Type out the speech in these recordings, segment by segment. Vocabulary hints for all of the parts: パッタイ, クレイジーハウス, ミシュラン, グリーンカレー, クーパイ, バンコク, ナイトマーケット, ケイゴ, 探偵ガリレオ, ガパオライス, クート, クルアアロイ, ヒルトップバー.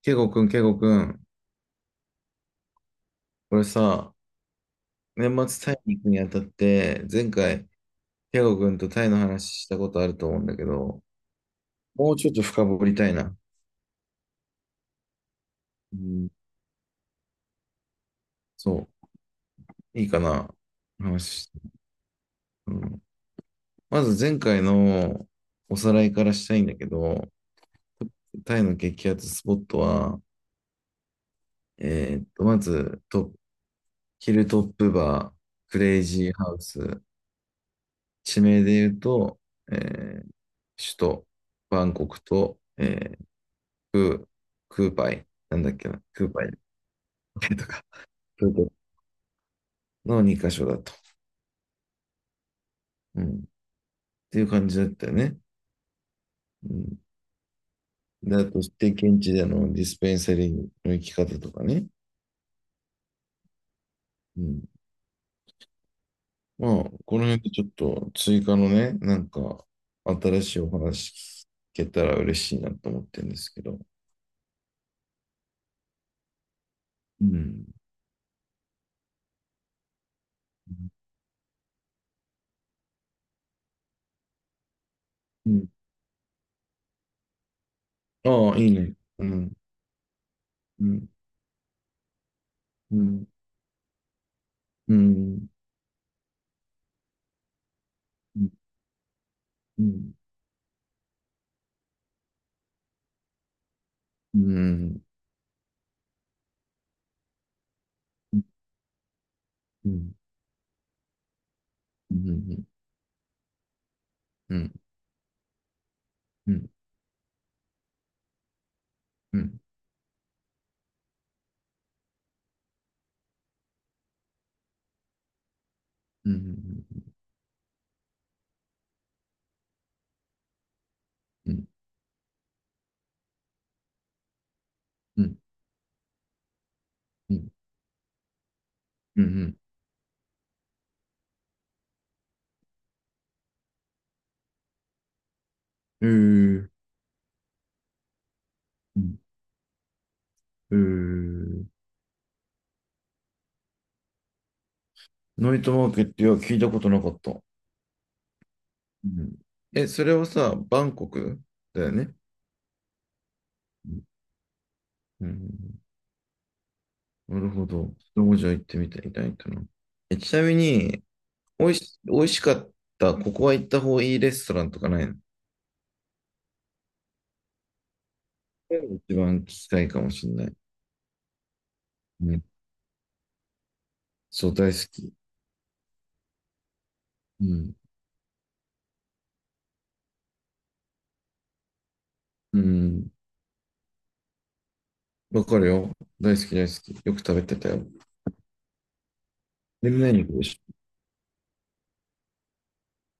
ケイゴくん、ケイゴくん、これさ、年末タイに行くにあたって、前回、ケイゴくんとタイの話したことあると思うんだけど、もうちょっと深掘りたいな。うん、そう、いいかな、話して。うん、まず前回のおさらいからしたいんだけど、タイの激アツスポットは、まずトップ、ヒルトップバー、クレイジーハウス、地名で言うと、えー首都、バンコクと、クーパイ、なんだっけな、クーパイとか、クートの2箇所だと。っていう感じだったよね。うあと、して現地でのディスペンサリーの行き方とかね。まあ、この辺でちょっと追加のね、新しいお話聞けたら嬉しいなと思ってるんですけど。うん。うん。ああ、いいね。うん。うん。うん。うん。うん。うん。うん。うん。うん。うん。うん。うん。うん。うん。うん、うん、うん、うん、うん。えーん、えーん、ナイトマーケット、いや、聞いたことなかった。うん。え、それはさ、バンコクだよね。うん。うんなるほど。そこじゃ行ってみてみたいかな。え、ちなみに、おいしかった、ここは行った方がいいレストランとかないのそういうの一番聞きたいかもしれない。うん。そう、大好き。うん。うん。わかるよ。大好き、大好き。よく食べてたよ。で、何行くでし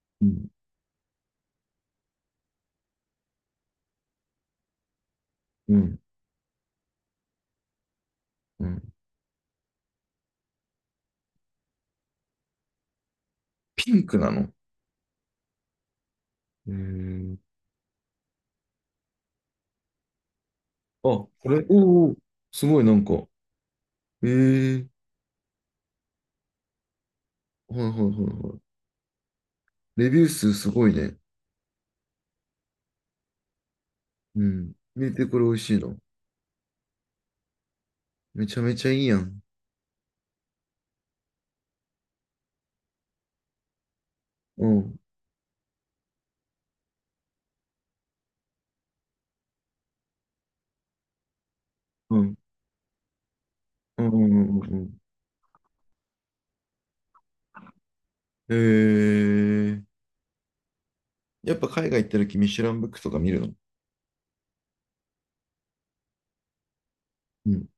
ょ。うん。うん。うんピンクなのうーん。あ、これ、おーおー、すごいなんか、ええー、はいはいはいはい。レビュー数すごいね。うん。見てこれ美味しいの。めちゃめちゃいいやん。うん、うん、うん、うん、うん。ええー、やっぱ海外行った時ミシュランブックとか見るのうん。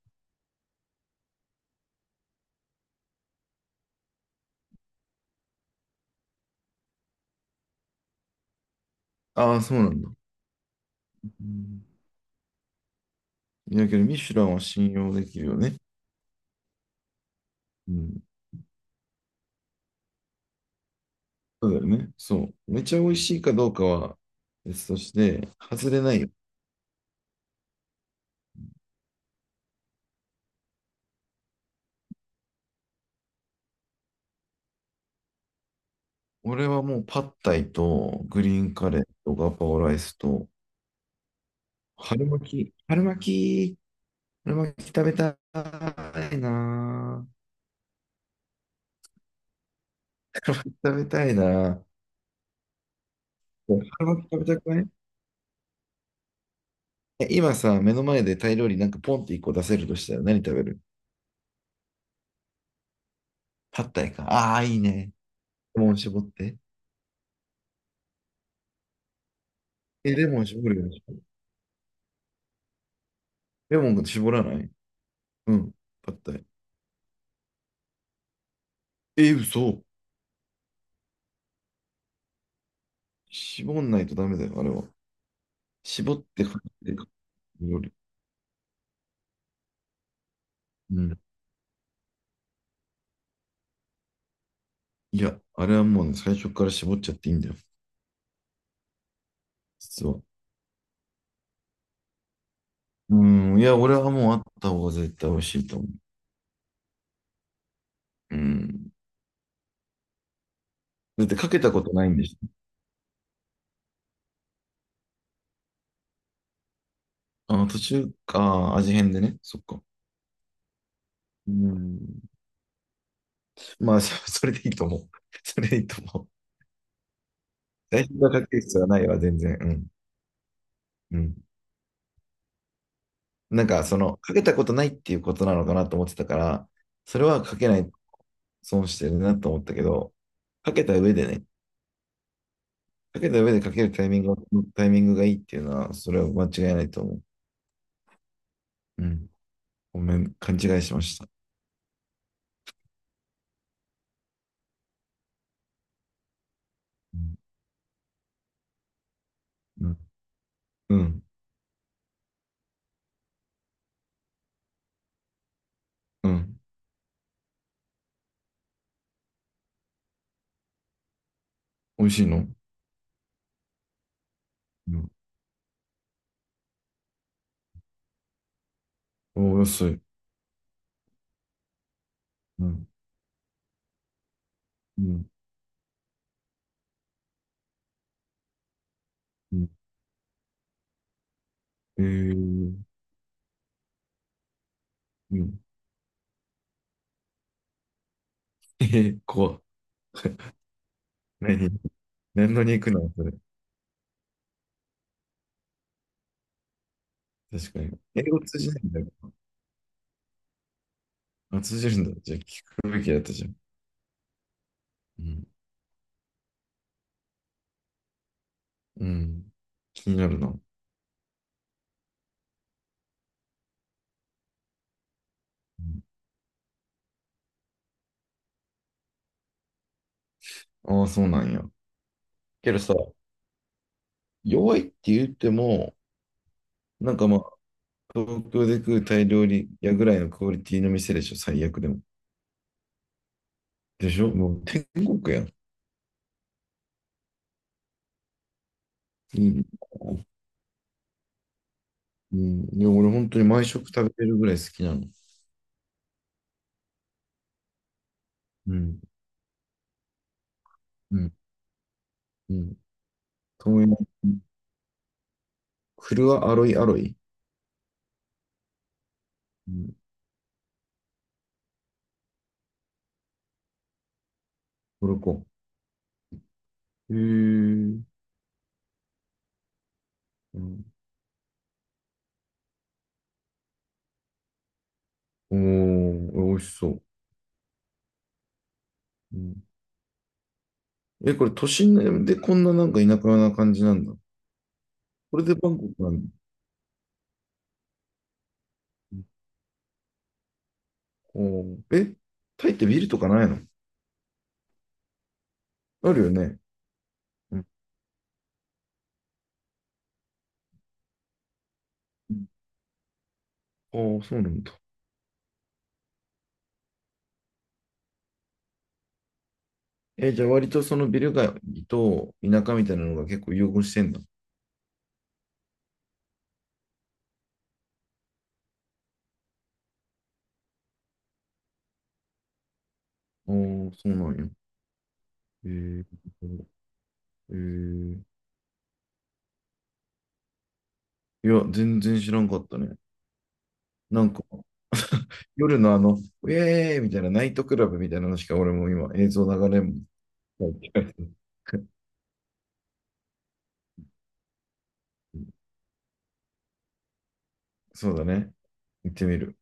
ああ、そうなんだ。うんいやけど、ミシュランは信用できるよね。うん。そうだよね。そう。めちゃ美味しいかどうかは別として、外れないよ。俺はもうパッタイとグリーンカレーとガパオライスと春巻き、き、春巻き食べたいなぁ。食べたいなぁ。春巻き食べたくないえ今さ、目の前でタイ料理なんかポンって一個出せるとしたら何食べるパッタイか。ああ、いいね。レモン絞って。え、レモン絞るよね。レモン絞らないうん、パッタイ。え、嘘。絞んないとダメだよ、あれは。絞ってかけてか料理。うん。いや、あれはもうね、最初から絞っちゃっていいんだよ。実は。うん、いや、俺はもうあった方が絶対美味しいと思う。うん。だってかけたことないんでしょ。あ、途中か、味変でね。そっか。うん。まあ、そ それでいいと思う。それでいいと思う。最初からかける必要はないわ、全然。うん。うん。なんか、その、かけたことないっていうことなのかなと思ってたから、それはかけないと損してるなと思ったけど、かけた上でね、かけた上でかけるタイミング、タイミングがいいっていうのは、それは間違いないと思う。うん。ごめん、勘違いしました。うん。うん。うん。美味しいのうん。おー、安い。うん。うん。うん。えー、うん。えー、怖っ。何何の肉なのそれ。確かに。英語通じないんだよ。あ、通じるんだ。じゃあ聞くべきだったじゃん。うん。うん。気になるな。うんああ、そうなんや。けどさ、弱いって言っても、なんかまあ、東京で食うタイ料理屋ぐらいのクオリティの店でしょ、最悪でも。でしょもう天国やん。いい、うん。いや俺本当に毎食食べてるぐらい好きなの。うん、うん、うん。豆苗、クルアアロイアロイ。うん、トルコ。へえ。うん、おー、美味しそう。うん、え、これ都心でこんななんか田舎な感じなんだ。これでバンコクなんだ。おー、え、タイってビルとかないのあるよね。うん。ああ、そうなんだ。え、じゃあ割とそのビル街と田舎みたいなのが結構融合してんだ。ああ、そうなんや。へえー。えー、いや、全然知らんかったね。なんか、夜のあの、ウェーイみたいなナイトクラブみたいなのしか俺も今映像流れも。はい そうだね。行ってみる。